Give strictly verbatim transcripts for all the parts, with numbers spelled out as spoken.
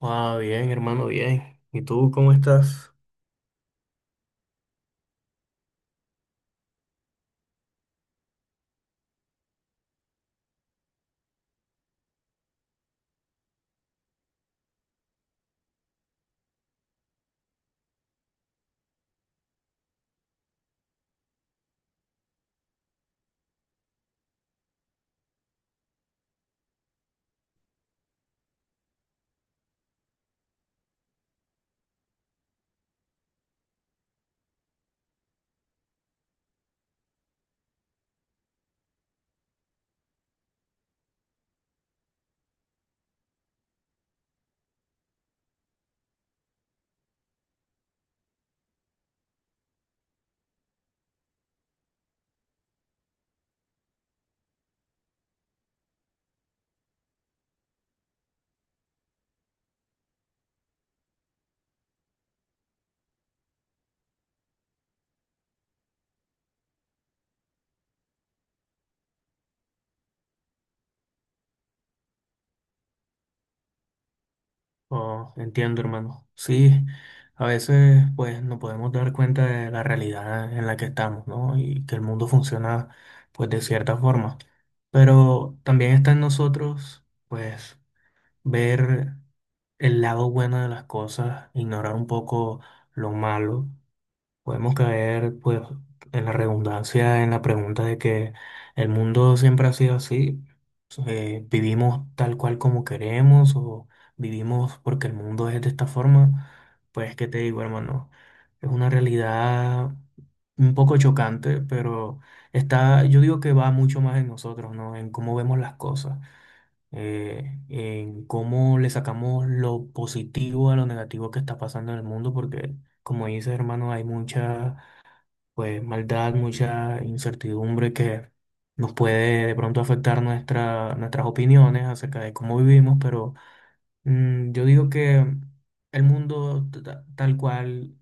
Ah, bien, hermano, bien. ¿Y tú cómo estás? Oh, entiendo, hermano. Sí, a veces pues nos podemos dar cuenta de la realidad en la que estamos, ¿no? Y que el mundo funciona pues de cierta forma. Pero también está en nosotros, pues, ver el lado bueno de las cosas, ignorar un poco lo malo. Podemos caer, pues, en la redundancia, en la pregunta de que el mundo siempre ha sido así. Eh, vivimos tal cual como queremos, o vivimos porque el mundo es de esta forma. Pues, ¿qué te digo, hermano? Es una realidad un poco chocante, pero está, yo digo que va mucho más en nosotros, ¿no? En cómo vemos las cosas, eh, en cómo le sacamos lo positivo a lo negativo que está pasando en el mundo, porque, como dices, hermano, hay muchas pues maldad, mucha incertidumbre que nos puede de pronto afectar nuestra, nuestras opiniones acerca de cómo vivimos, pero mm, yo digo que el mundo ta- tal cual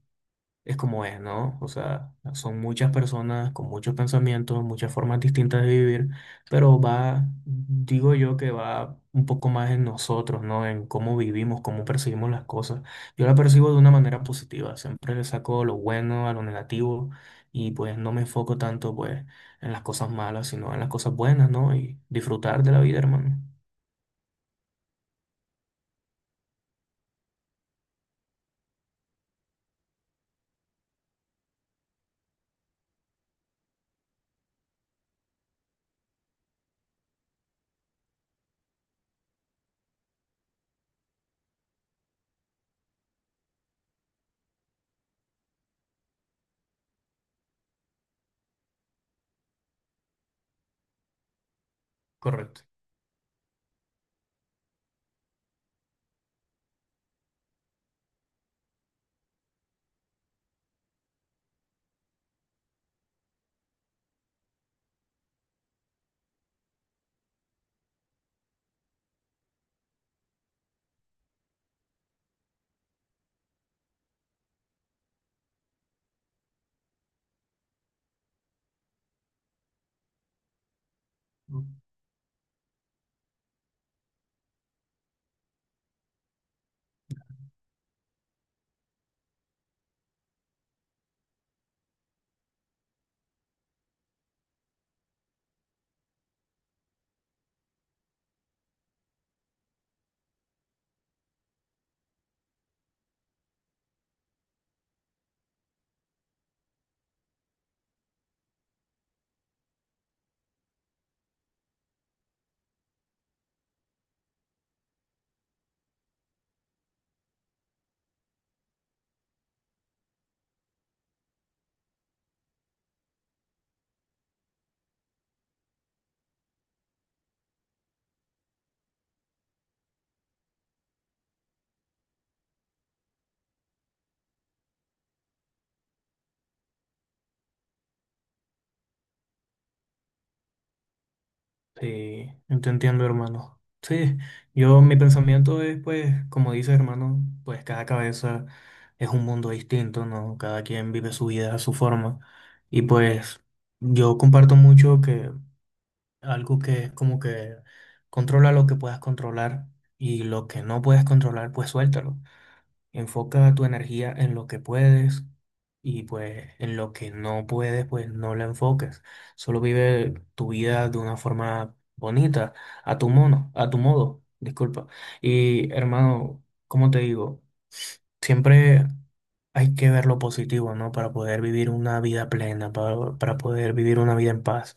es como es, ¿no? O sea, son muchas personas con muchos pensamientos, muchas formas distintas de vivir, pero va, digo yo que va un poco más en nosotros, ¿no? En cómo vivimos, cómo percibimos las cosas. Yo la percibo de una manera positiva, siempre le saco lo bueno a lo negativo y pues no me enfoco tanto pues en las cosas malas, sino en las cosas buenas, ¿no? Y disfrutar de la vida, hermano. Correcto. Sí, yo te entiendo, hermano. Sí, yo mi pensamiento es, pues, como dice, hermano, pues cada cabeza es un mundo distinto, ¿no? Cada quien vive su vida a su forma. Y pues yo comparto mucho que algo que es como que controla lo que puedas controlar, y lo que no puedes controlar, pues suéltalo. Enfoca tu energía en lo que puedes, y pues en lo que no puedes, pues no la enfoques. Solo vive tu vida de una forma bonita, a tu mono, a tu modo, disculpa. Y hermano, ¿cómo te digo? Siempre hay que ver lo positivo, ¿no? Para poder vivir una vida plena, para, para poder vivir una vida en paz.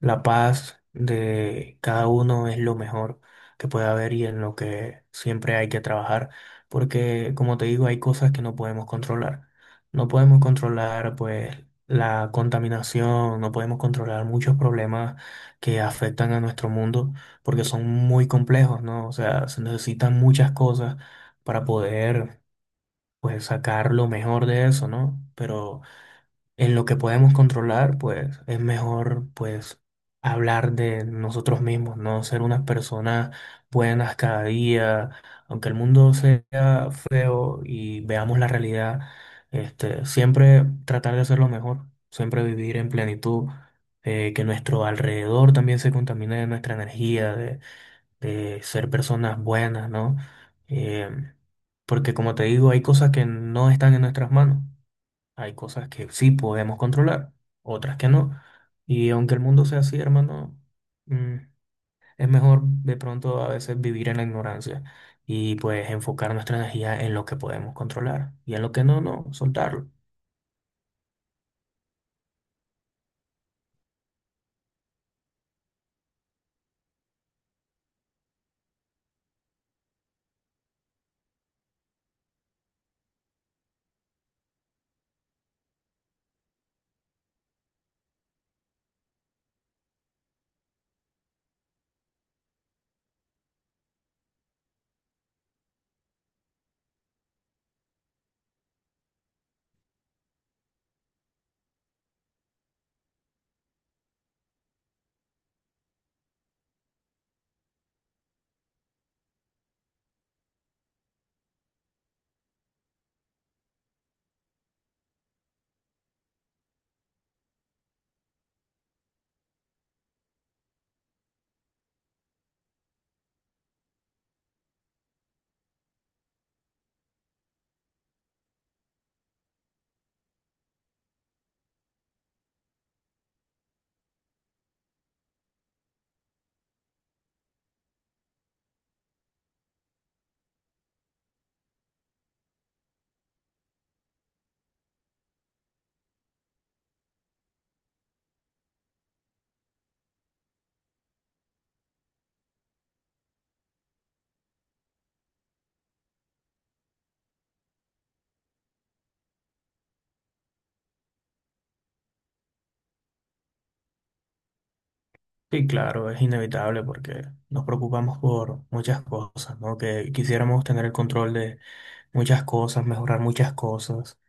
La paz de cada uno es lo mejor que puede haber y en lo que siempre hay que trabajar, porque como te digo, hay cosas que no podemos controlar. No podemos controlar pues la contaminación, no podemos controlar muchos problemas que afectan a nuestro mundo porque son muy complejos, ¿no? O sea, se necesitan muchas cosas para poder pues sacar lo mejor de eso, ¿no? Pero en lo que podemos controlar, pues es mejor pues hablar de nosotros mismos, no ser unas personas buenas cada día, aunque el mundo sea feo y veamos la realidad, este, siempre tratar de hacerlo mejor, siempre vivir en plenitud, eh, que nuestro alrededor también se contamine de nuestra energía, de, de ser personas buenas, ¿no? Em, Porque como te digo, hay cosas que no están en nuestras manos. Hay cosas que sí podemos controlar, otras que no. Y aunque el mundo sea así, hermano, mm, es mejor de pronto a veces vivir en la ignorancia y pues enfocar nuestra energía en lo que podemos controlar, y en lo que no, no, soltarlo. Sí, claro, es inevitable porque nos preocupamos por muchas cosas, ¿no? Que quisiéramos tener el control de muchas cosas, mejorar muchas cosas.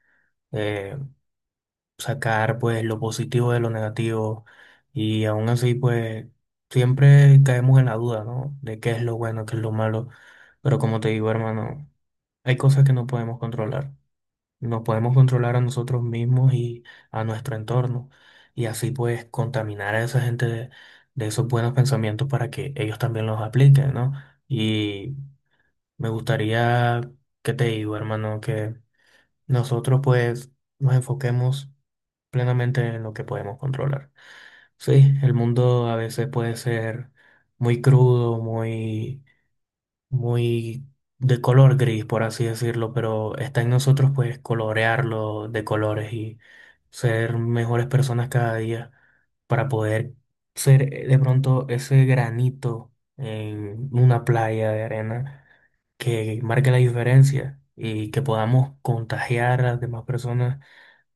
eh, Sacar pues lo positivo de lo negativo, y aún así pues siempre caemos en la duda, ¿no? De qué es lo bueno, qué es lo malo, pero como te digo, hermano, hay cosas que no podemos controlar. No podemos controlar a nosotros mismos y a nuestro entorno, y así pues contaminar a esa gente de, de esos buenos pensamientos para que ellos también los apliquen, ¿no? Y me gustaría, ¿qué te digo, hermano? Que nosotros pues nos enfoquemos plenamente en lo que podemos controlar. Sí, el mundo a veces puede ser muy crudo, muy, muy de color gris, por así decirlo, pero está en nosotros pues colorearlo de colores y ser mejores personas cada día para poder ser eh, de pronto ese granito en una playa de arena que marque la diferencia y que podamos contagiar a las demás personas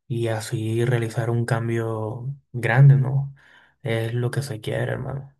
y así realizar un cambio grande, ¿no? Es lo que se quiere, hermano.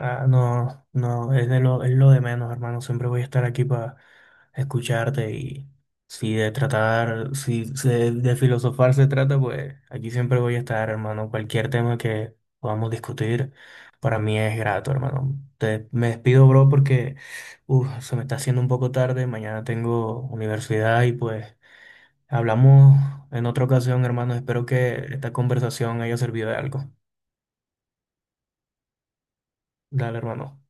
Ah, no, no, es de lo, es lo de menos, hermano. Siempre voy a estar aquí para escucharte, y si de tratar, si, si de, de filosofar se trata, pues aquí siempre voy a estar, hermano. Cualquier tema que podamos discutir, para mí es grato, hermano. Te, me despido, bro, porque uf, se me está haciendo un poco tarde. Mañana tengo universidad y pues... Hablamos en otra ocasión, hermano. Espero que esta conversación haya servido de algo. Dale, hermano.